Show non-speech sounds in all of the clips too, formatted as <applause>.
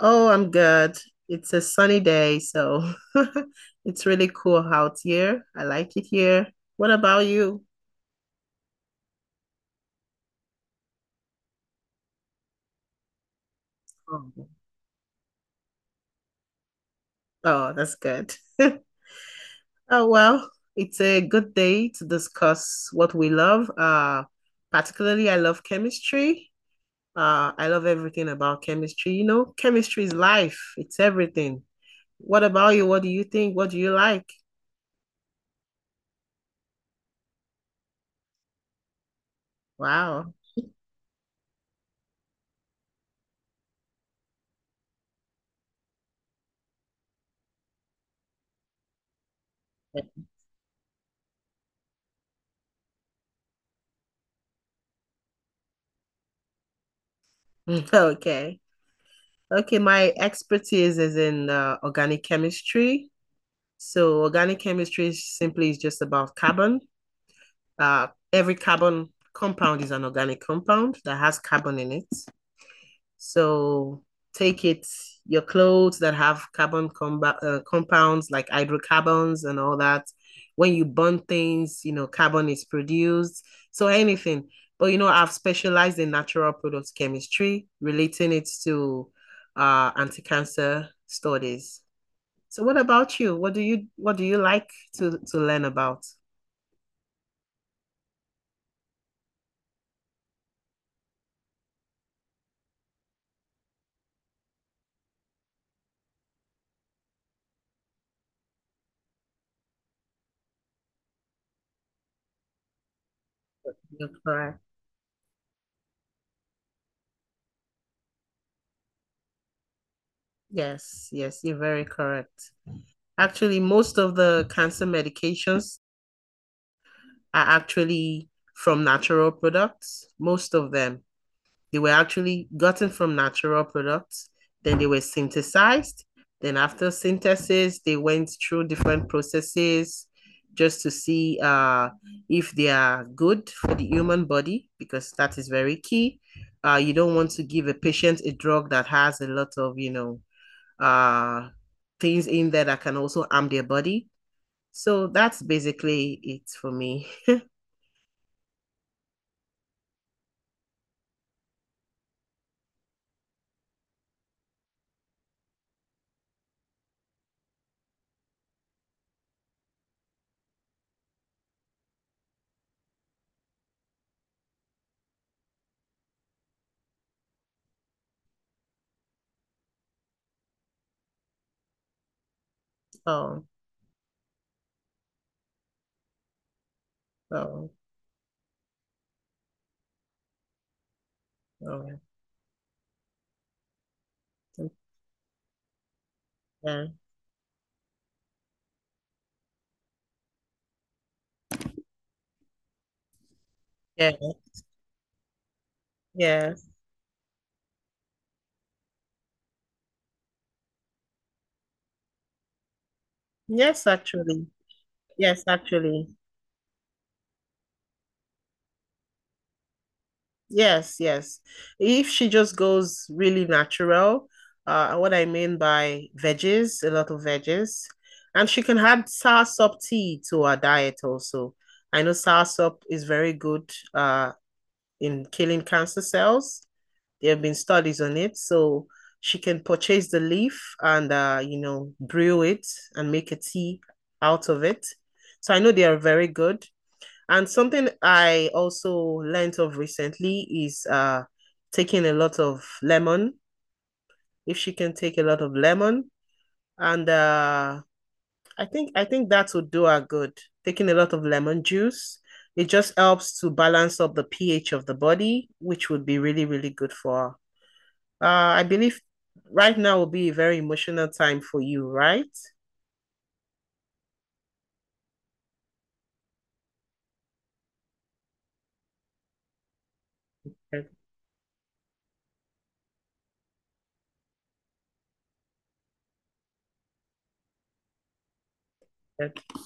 Oh, I'm good. It's a sunny day, so <laughs> it's really cool out here. I like it here. What about you? Oh, oh, that's good. <laughs> Oh, well, it's a good day to discuss what we love. Particularly, I love chemistry. I love everything about chemistry. You know, chemistry is life, it's everything. What about you? What do you think? What do you like? Wow. <laughs> Okay. Okay, my expertise is in organic chemistry. So organic chemistry is just about carbon. Every carbon compound is an organic compound that has carbon in it. So take it, your clothes that have compounds like hydrocarbons and all that. When you burn things, you know, carbon is produced. So anything. But, you know, I've specialized in natural products chemistry, relating it to anti-cancer studies. So what about you? What do you like to learn about? You're correct. Yes, yes, you're very correct. Actually, most of the cancer medications are actually from natural products. Most of them, they were actually gotten from natural products. Then they were synthesized. Then after synthesis, they went through different processes just to see if they are good for the human body because that is very key. You don't want to give a patient a drug that has a lot of uh, things in there that can also harm their body. So that's basically it for me. <laughs> Oh. Oh, oh, okay. Yeah, yeah, yes, yes, actually, yes, actually, yes, yes. If she just goes really natural, what I mean by veggies, a lot of veggies, and she can add soursop tea to her diet also. I know soursop is very good, in killing cancer cells. There have been studies on it. So she can purchase the leaf and you know, brew it and make a tea out of it. So I know they are very good. And something I also learned of recently is taking a lot of lemon. If she can take a lot of lemon and I think that would do her good. Taking a lot of lemon juice. It just helps to balance up the pH of the body, which would be really, really good for her. I believe right now will be a very emotional time for you, right? Okay, okay.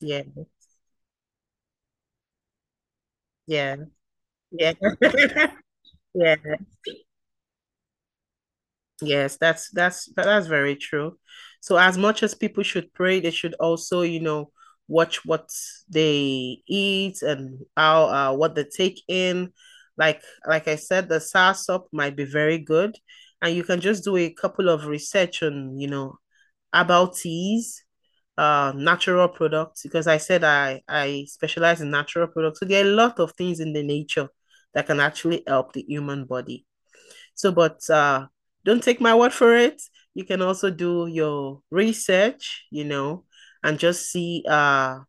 Yeah, yeah, yeah, <laughs> yeah. Yes, that's very true. So as much as people should pray, they should also, you know, watch what they eat and how what they take in. Like I said, the soursop might be very good, and you can just do a couple of research on, you know, herbal teas natural products because I said I specialize in natural products. So there are a lot of things in the nature that can actually help the human body. So, but don't take my word for it. You can also do your research, you know, and just see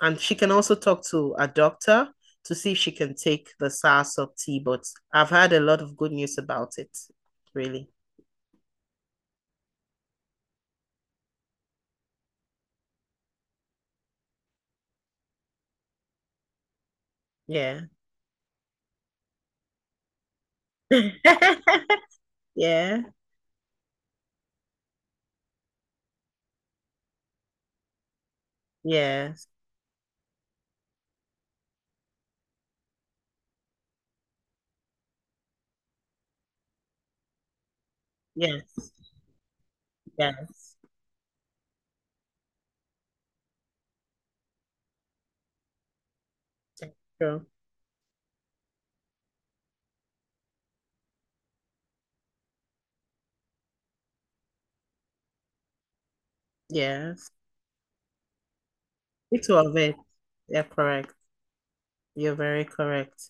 and she can also talk to a doctor to see if she can take the soursop tea. But I've had a lot of good news about it, really. Yeah. <laughs> Yeah. Yes. Yes. Yes. Yes. Sure. Yes. It's of it. Yeah, correct. You're very correct.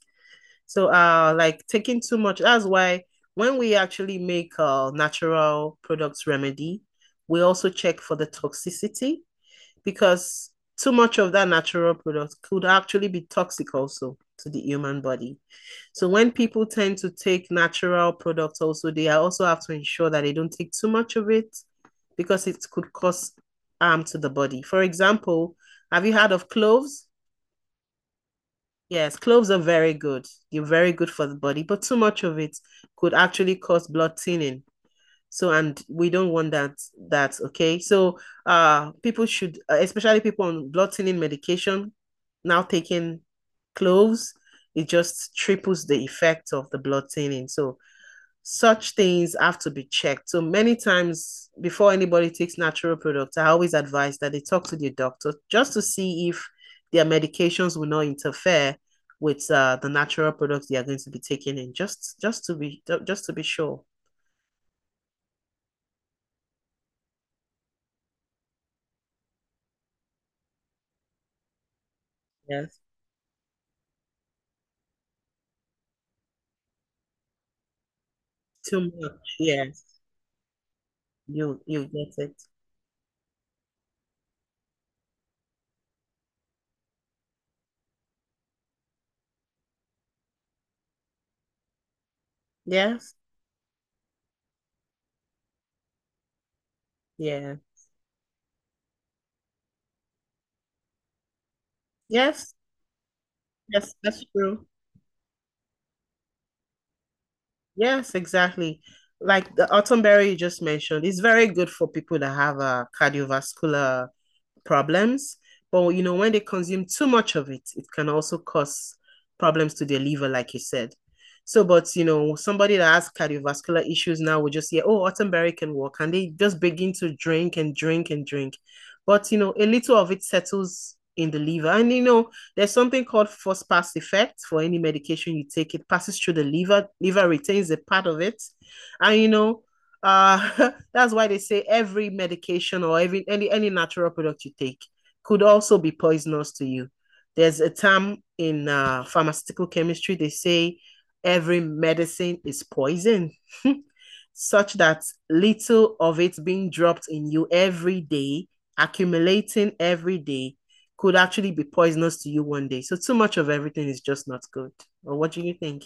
So, like taking too much, that's why when we actually make natural products remedy, we also check for the toxicity because too much of that natural product could actually be toxic also to the human body. So when people tend to take natural products also, they also have to ensure that they don't take too much of it because it could cause harm to the body. For example, have you heard of cloves? Yes, cloves are very good. They're very good for the body, but too much of it could actually cause blood thinning. So and we don't want that okay. So people should especially people on blood thinning medication now taking cloves, it just triples the effect of the blood thinning. So such things have to be checked. So many times before anybody takes natural products, I always advise that they talk to their doctor just to see if their medications will not interfere with the natural products they are going to be taking in. Just to be sure. Yes. Too much. Yes. You get it. Yes. Yeah. Yes. Yes, that's true. Yes, exactly. Like the autumn berry you just mentioned, it's very good for people that have a cardiovascular problems. But you know, when they consume too much of it, it can also cause problems to their liver, like you said. So, but you know, somebody that has cardiovascular issues now will just hear, "Oh, Ottenberry can work," and they just begin to drink and drink and drink. But you know, a little of it settles in the liver. And you know, there's something called first pass effect for any medication you take. It passes through the liver, liver retains a part of it. And you know, <laughs> that's why they say every medication or every any natural product you take could also be poisonous to you. There's a term in pharmaceutical chemistry they say every medicine is poison, <laughs> such that little of it being dropped in you every day, accumulating every day, could actually be poisonous to you one day. So too much of everything is just not good. Or what do you think?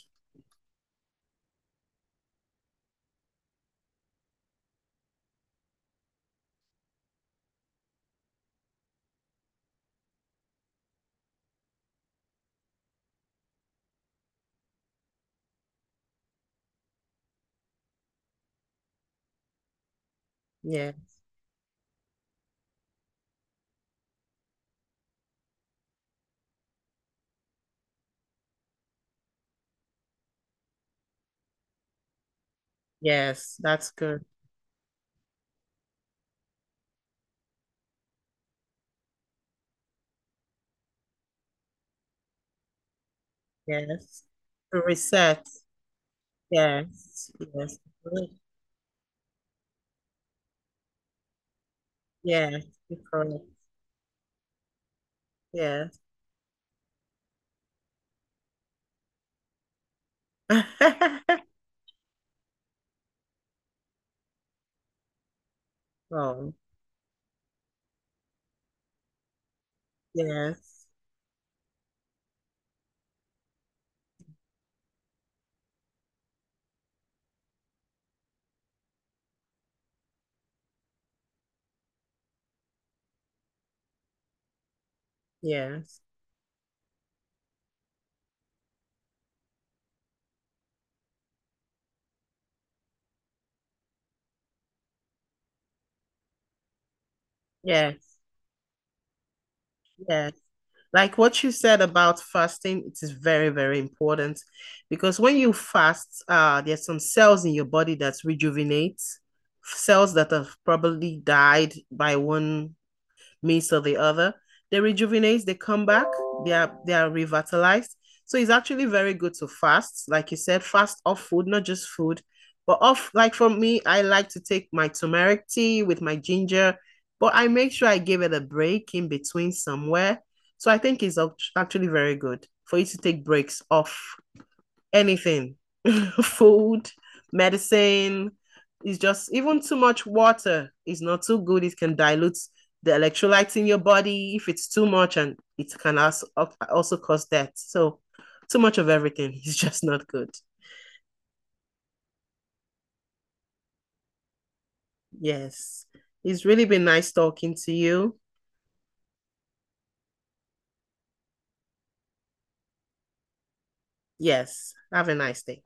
Yeah. Yes. That's good. Yes. To reset. Yes. Yes. Good. Yes. You're correct. Yes. <laughs> Oh. Yes. Yes. Yes. Yes. Like what you said about fasting, it is very, very important because when you fast, there's some cells in your body that rejuvenates, cells that have probably died by one means or the other. They rejuvenate, they come back, they are revitalized. So it's actually very good to fast, like you said, fast off food, not just food, but off. Like for me, I like to take my turmeric tea with my ginger, but I make sure I give it a break in between somewhere. So I think it's actually very good for you to take breaks off anything, <laughs> food, medicine. It's just even too much water is not too good. It can dilute the electrolytes in your body if it's too much, and it can also also cause death. So too much of everything <laughs> is just not good. Yes, it's really been nice talking to you. Yes, have a nice day.